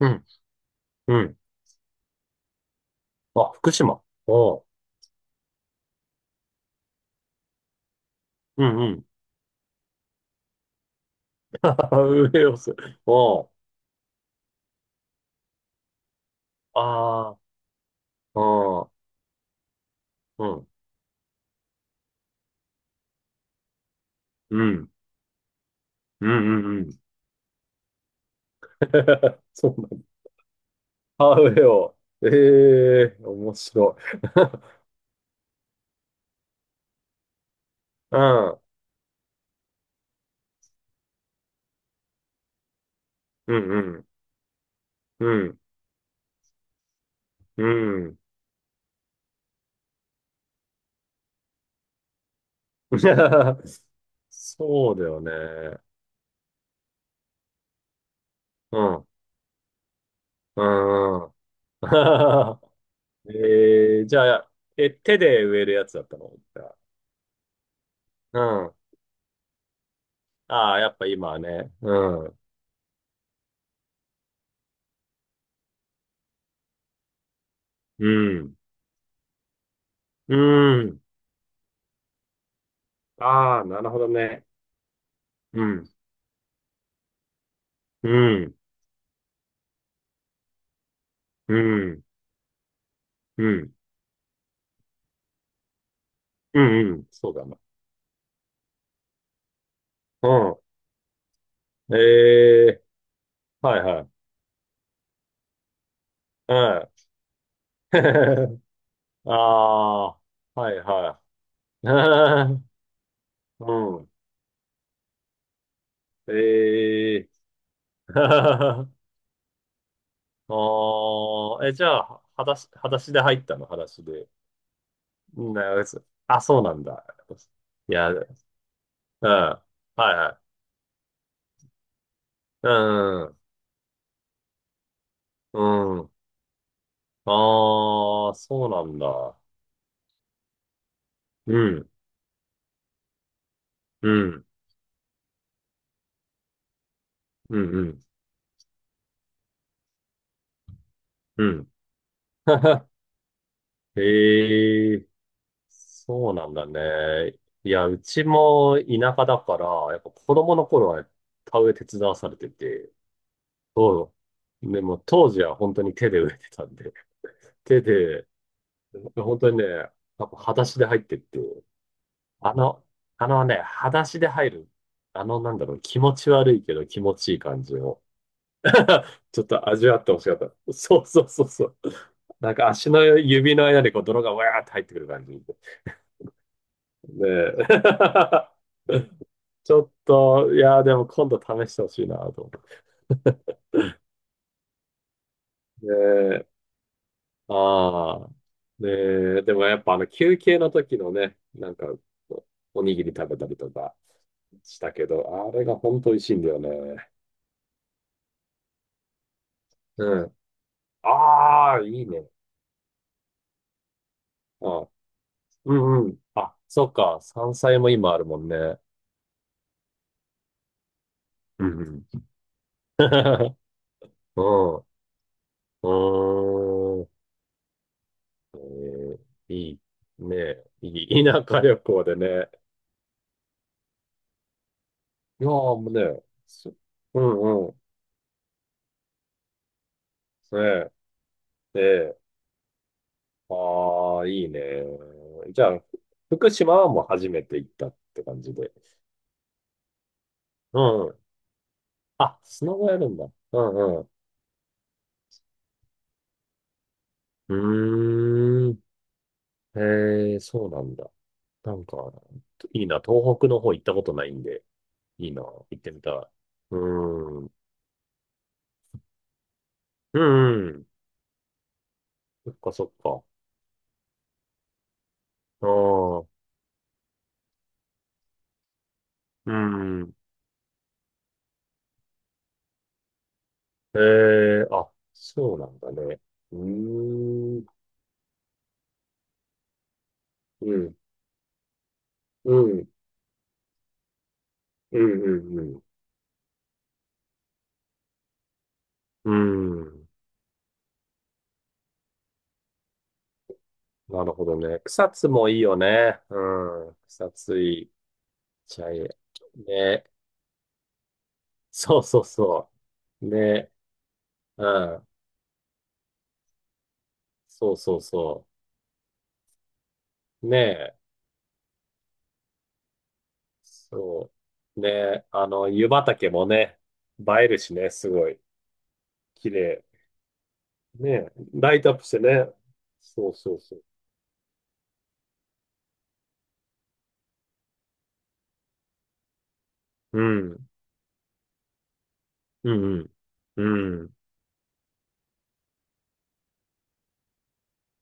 うん、うん。あ、福島。おう。うんうん。ウェールズ。おう。ああ、ああ、うん。うん。うんうんうん。そうなんだ。ああ、ウェーを。ええー、面白い。うん。うんうん。うん。うん。そうだよね。うん。うん。ええー、じゃあ、え、手で植えるやつだったのじゃあうん。ああ、やっぱ今はね。うん。うん。うん。ああ、なるほどね。うん。うん。うん。うん。うん。うんそうだな。うん。ええはいはい。うん。ああ、はいはい。うん。ええ ああ、え、じゃあ、裸足、裸足で入ったの、裸足で。なやつ、あ、そうなんだ。いや、うん。はいはい。うん。うん。ああ、そうなんだ。うん。うん、うん、うん、うん。へえ、そうなんだね。いや、うちも田舎だから、やっぱ子供の頃は田植え手伝わされてて、そう。でも当時は本当に手で植えてたんで、手で、本当にね、やっぱ裸足で入ってって、あの、あのね、裸足で入る、あのなんだろう、気持ち悪いけど気持ちいい感じの、ちょっと味わってほしかった。そうそうそうそう。なんか足の指の間にこう泥がわーって入ってくる感じ。ねえ。ちょっと、いやーでも今度試してほしいなと思う。ねえ。ああ。ねえ。でもやっぱあの休憩の時のね、なんかおにぎり食べたりとかしたけど、あれが本当美味しいんだよね。うん。ああ、いいね。あ、うんうん。あ、そっか。山菜も今あるもんね。うんうん。うん。うーん。えー、いい。ねいい。田舎旅行でね。いやーもうね。すうんうん。ねえ。で、ああ、いいね。じゃあ、福島はもう初めて行ったって感じで。うん。あ、スノボやるんだ。うんうん。うーん。へえ、そうなんだ。なんか、いいな。東北の方行ったことないんで、いいな。行ってみたい。うーん。うんうん。そっかそっか。ああ、うん。ええあ、そうなんだね。うーん、うん、うん、うん、うん、うん。なるほどね。草津もいいよね。うん。草津いい。ちゃいい。ね。そうそうそう。ね。うん。そうそうそう。ねえ。そう。ね。あの、湯畑もね、映えるしね、すごい。綺麗。ね。ライトアップしてね。そうそうそう。うんうんうん。うん。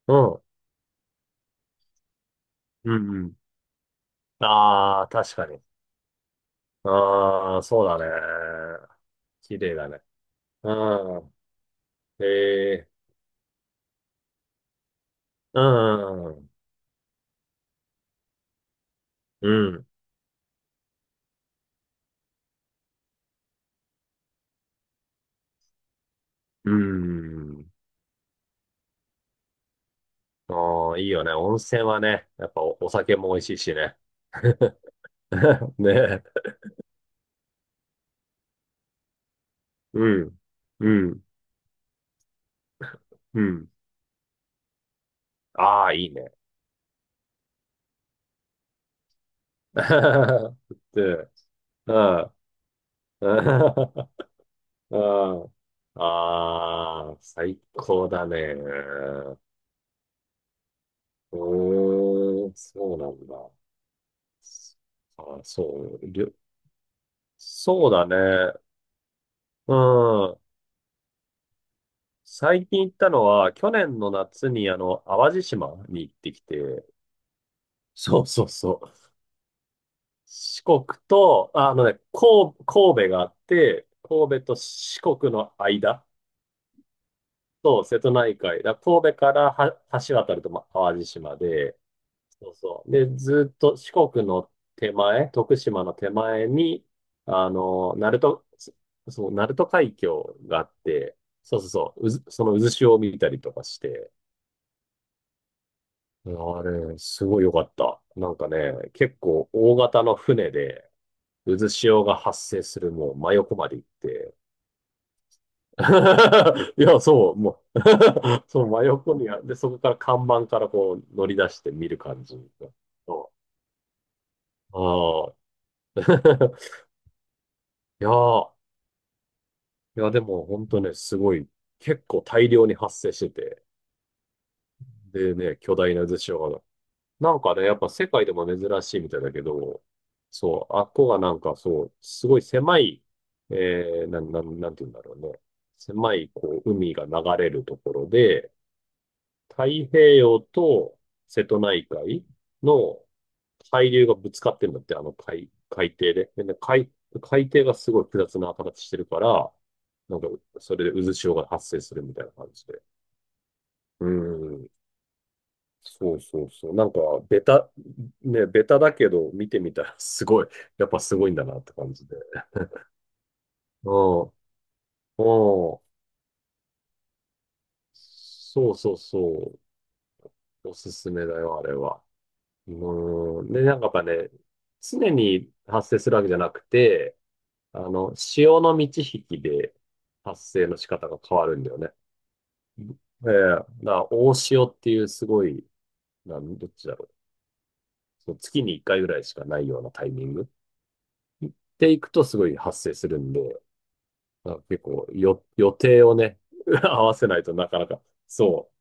うん。うんうん。ああ、確かに。ああ、そうだね。綺麗だね。うん。ええ。うん。うん。うん。ああ、いいよね。温泉はね、やっぱお、お酒も美味しいしね。ねえ。うん。うん。うん。ああ、いいね。で、うん。うん。ああ、最高だね。うーそうなんだ。あ、そう、りょそうだね。うん。最近行ったのは、去年の夏に、あの、淡路島に行ってきて、そうそうそう。四国と、ああのね、神、神戸があって、神戸と四国の間と瀬戸内海、だから神戸からは橋渡ると、ま、淡路島で、そうそう。で、ずっと四国の手前、徳島の手前に、あの、鳴門、そそう、鳴門海峡があって、そうそうそう、うず、その渦潮を見たりとかして、あれ、すごい良かった。なんかね、結構大型の船で、渦潮が発生するもう真横まで行って、いや、そう、もう そう、真横にあ、で、そこから看板からこう乗り出して見る感じ。そう。ああ。いやー、いや、でも本当ね、すごい、結構大量に発生してて、でね、巨大な渦潮が、なんかね、やっぱ世界でも珍しいみたいだけど、そう、あっこがなんかそう、すごい狭い、えー、なん、なん、なんて言うんだろうね、狭い、こう、海が流れるところで、太平洋と瀬戸内海の海流がぶつかってんだって、あの海、海底で。で、海、海底がすごい複雑な形してるから、なんか、それで渦潮が発生するみたいな感じで。うん。そうそうそう。なんか、ベタ、ね、ベタだけど、見てみたら すごい、やっぱすごいんだなって感じで。うん。うん。そうそうそう。おすすめだよ、あれは。うん。で、なんかやっぱね、常に発生するわけじゃなくて、あの、潮の満ち引きで発生の仕方が変わるんだよね。うんええ、だから大潮っていうすごい、なん、どっちだろう。その月に1回ぐらいしかないようなタイミングで行くとすごい発生するんで、なんか結構よ、予定をね、合わせないとなかなか、そ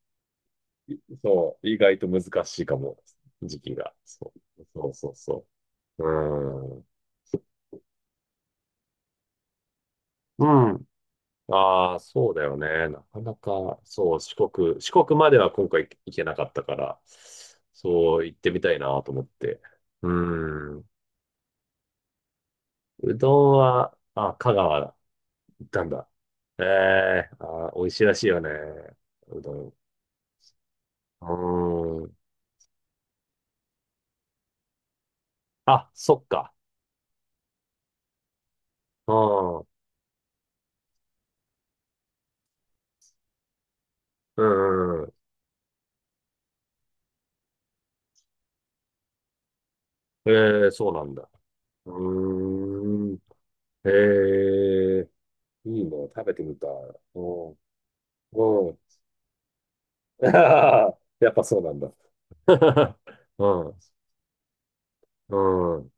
う、そう、意外と難しいかも、時期が。そう、そうそうそう。うーん。うん。ああ、そうだよね。なかなか、そう、四国、四国までは今回行けなかったから、そう、行ってみたいなと思って。うーん。うどんは、あ、香川だ。行ったんだ。ええあー、美味しいらしいよね。うどん。うーん。あ、そっか。うん。うんうん。ええそうなんだ。うーん。ええいいね。食べてみたい。うん。うん。やっぱそうなんだ。うん、うん。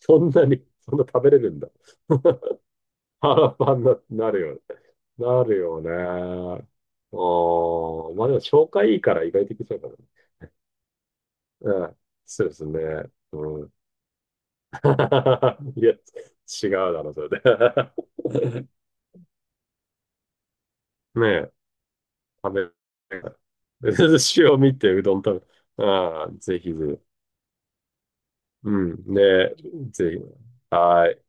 そんなに、そんな食べれるんだ。腹パンにななるよね。なるよね。ああ、まあでも消化いいから意外といけそうかな。うん。そうですね。うん。いや、違うだろ、それで。ねえ、食べ、で寿司を見てうどん食べ、ああ、ぜひぜひ。うん。ねえ、ぜひ。はい。